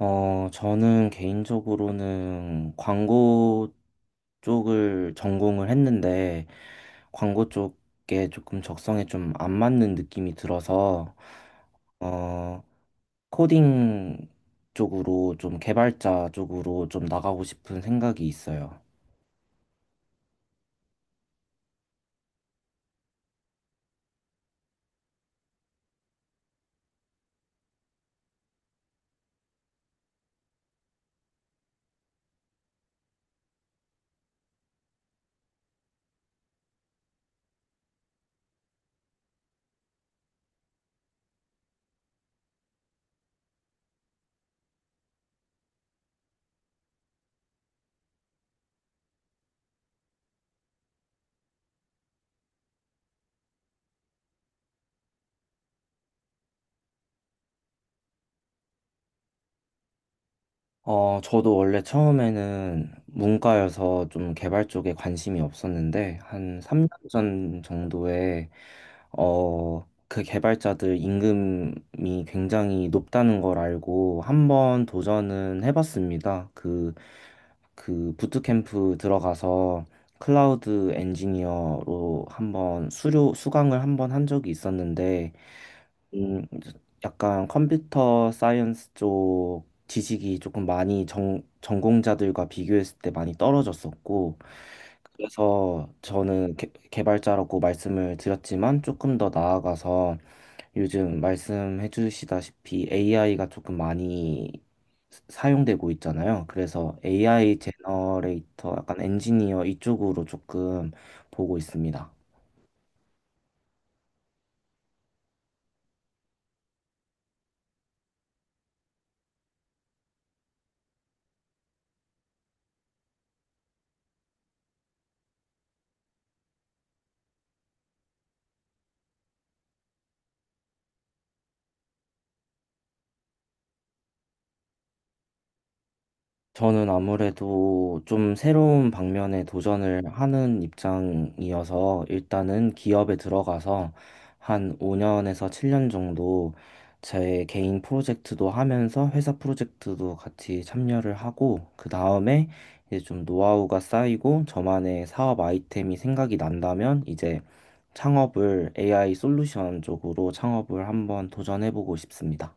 저는 개인적으로는 광고 쪽을 전공을 했는데, 광고 쪽에 조금 적성에 좀 안 맞는 느낌이 들어서, 어, 코딩 쪽으로 좀 개발자 쪽으로 좀 나가고 싶은 생각이 있어요. 저도 원래 처음에는 문과여서 좀 개발 쪽에 관심이 없었는데, 한 3년 전 정도에, 그 개발자들 임금이 굉장히 높다는 걸 알고 한 번 도전은 해봤습니다. 그 부트캠프 들어가서 클라우드 엔지니어로 한번 수강을 한번 한 적이 있었는데, 이제 약간 컴퓨터 사이언스 쪽 지식이 조금 많이 전공자들과 비교했을 때 많이 떨어졌었고, 그래서 저는 개발자라고 말씀을 드렸지만 조금 더 나아가서 요즘 말씀해 주시다시피 AI가 조금 많이 사용되고 있잖아요. 그래서 AI 제너레이터, 약간 엔지니어 이쪽으로 조금 보고 있습니다. 저는 아무래도 좀 새로운 방면에 도전을 하는 입장이어서 일단은 기업에 들어가서 한 5년에서 7년 정도 제 개인 프로젝트도 하면서 회사 프로젝트도 같이 참여를 하고 그 다음에 이제 좀 노하우가 쌓이고 저만의 사업 아이템이 생각이 난다면 이제 창업을 AI 솔루션 쪽으로 창업을 한번 도전해보고 싶습니다.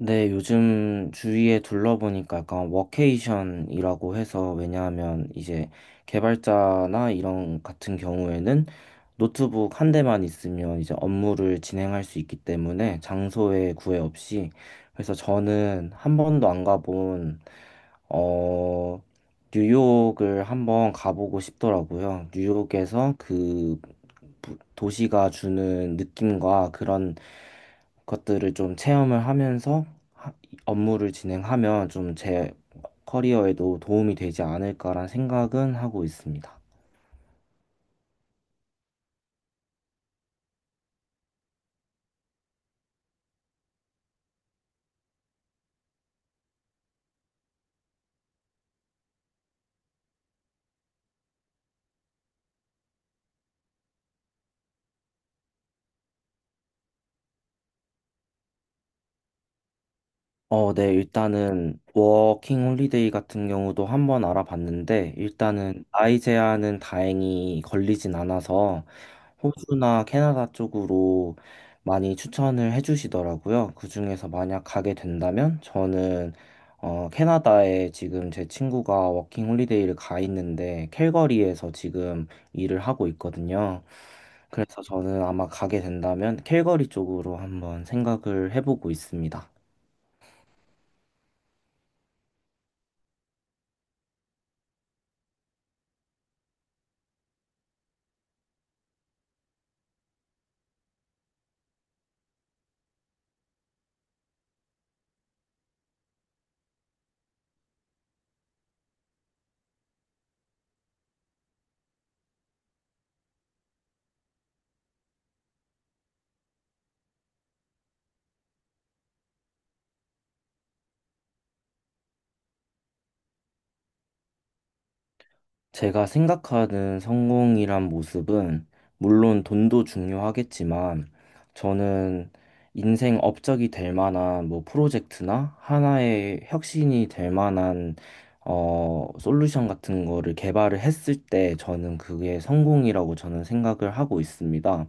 네, 요즘 주위에 둘러보니까 약간 워케이션이라고 해서 왜냐하면 이제 개발자나 이런 같은 경우에는 노트북 한 대만 있으면 이제 업무를 진행할 수 있기 때문에 장소에 구애 없이 그래서 저는 한 번도 안 가본 어 뉴욕을 한번 가보고 싶더라고요. 뉴욕에서 그 도시가 주는 느낌과 그런 것들을 좀 체험을 하면서 업무를 진행하면 좀 제 커리어에도 도움이 되지 않을까란 생각은 하고 있습니다. 네, 일단은 워킹 홀리데이 같은 경우도 한번 알아봤는데 일단은 나이 제한은 다행히 걸리진 않아서 호주나 캐나다 쪽으로 많이 추천을 해주시더라고요. 그중에서 만약 가게 된다면 저는 캐나다에 지금 제 친구가 워킹 홀리데이를 가 있는데 캘거리에서 지금 일을 하고 있거든요. 그래서 저는 아마 가게 된다면 캘거리 쪽으로 한번 생각을 해보고 있습니다. 제가 생각하는 성공이란 모습은 물론 돈도 중요하겠지만 저는 인생 업적이 될 만한 뭐 프로젝트나 하나의 혁신이 될 만한 솔루션 같은 거를 개발을 했을 때 저는 그게 성공이라고 저는 생각을 하고 있습니다.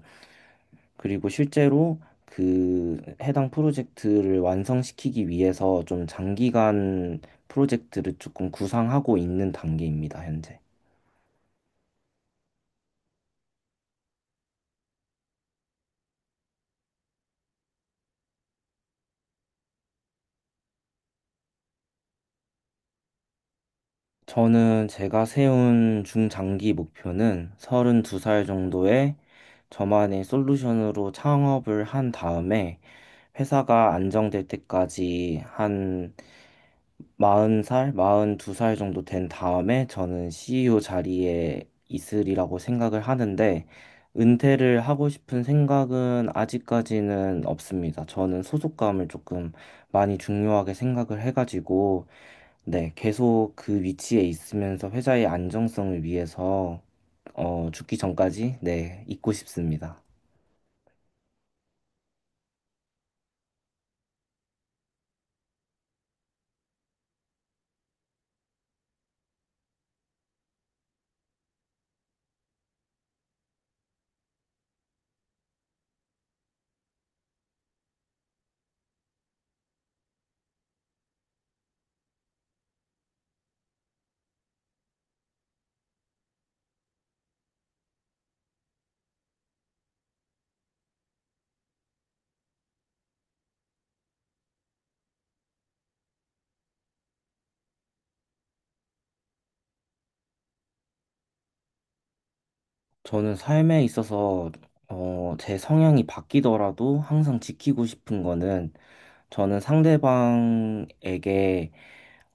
그리고 실제로 그 해당 프로젝트를 완성시키기 위해서 좀 장기간 프로젝트를 조금 구상하고 있는 단계입니다, 현재. 저는 제가 세운 중장기 목표는 32살 정도에 저만의 솔루션으로 창업을 한 다음에 회사가 안정될 때까지 한 42살 정도 된 다음에 저는 CEO 자리에 있으리라고 생각을 하는데, 은퇴를 하고 싶은 생각은 아직까지는 없습니다. 저는 소속감을 조금 많이 중요하게 생각을 해가지고, 네, 계속 그 위치에 있으면서 회사의 안정성을 위해서, 죽기 전까지, 네, 있고 싶습니다. 저는 삶에 있어서, 제 성향이 바뀌더라도 항상 지키고 싶은 거는 저는 상대방에게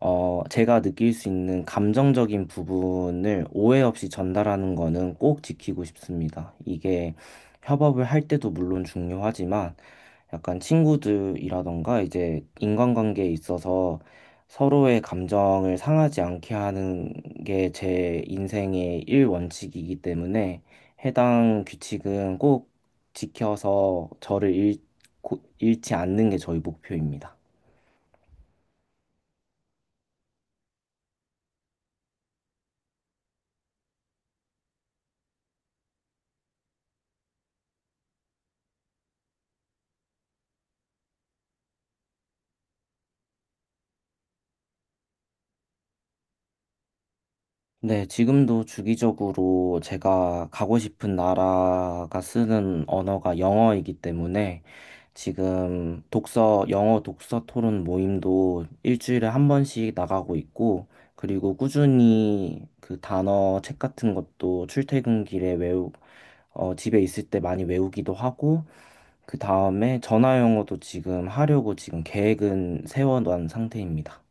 제가 느낄 수 있는 감정적인 부분을 오해 없이 전달하는 거는 꼭 지키고 싶습니다. 이게 협업을 할 때도 물론 중요하지만 약간 친구들이라던가 이제 인간관계에 있어서 서로의 감정을 상하지 않게 하는 게 제 인생의 일원칙이기 때문에 해당 규칙은 꼭 지켜서 저를 잃지 않는 게 저희 목표입니다. 네, 지금도 주기적으로 제가 가고 싶은 나라가 쓰는 언어가 영어이기 때문에 지금 영어 독서 토론 모임도 일주일에 한 번씩 나가고 있고, 그리고 꾸준히 그 단어 책 같은 것도 출퇴근길에 집에 있을 때 많이 외우기도 하고, 그 다음에 전화 영어도 지금 하려고 지금 계획은 세워놓은 상태입니다.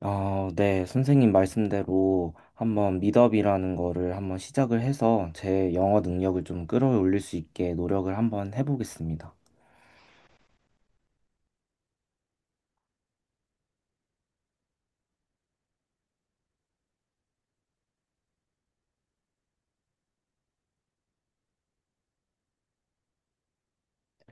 아, 네. 선생님 말씀대로 한번 미더비라는 거를 한번 시작을 해서 제 영어 능력을 좀 끌어올릴 수 있게 노력을 한번 해보겠습니다.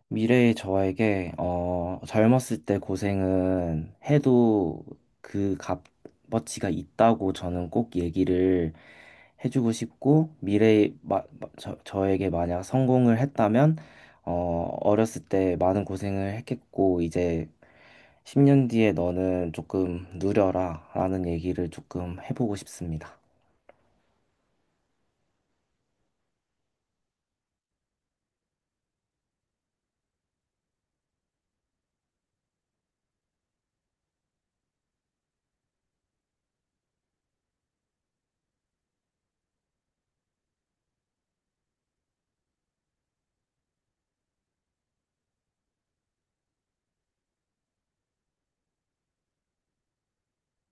미래의 저에게, 젊었을 때 고생은 해도 그 값어치가 있다고 저는 꼭 얘기를 해주고 싶고, 미래의 저에게 만약 성공을 했다면, 어렸을 때 많은 고생을 했겠고, 이제 10년 뒤에 너는 조금 누려라 라는 얘기를 조금 해보고 싶습니다.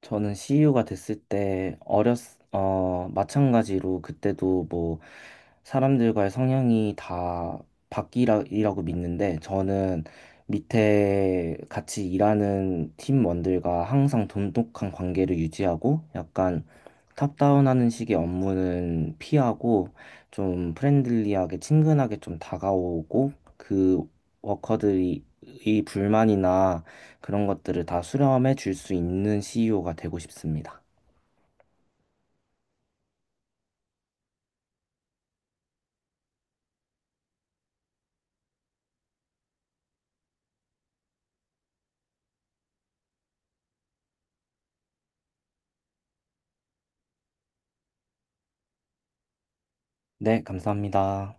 저는 CU가 됐을 때 어렸 어 마찬가지로 그때도 뭐 사람들과의 성향이 다 바뀌라고 믿는데 저는 밑에 같이 일하는 팀원들과 항상 돈독한 관계를 유지하고 약간 탑다운하는 식의 업무는 피하고 좀 프렌들리하게 친근하게 좀 다가오고 그 워커들이 이 불만이나 그런 것들을 다 수렴해 줄 수 있는 CEO가 되고 싶습니다. 네, 감사합니다.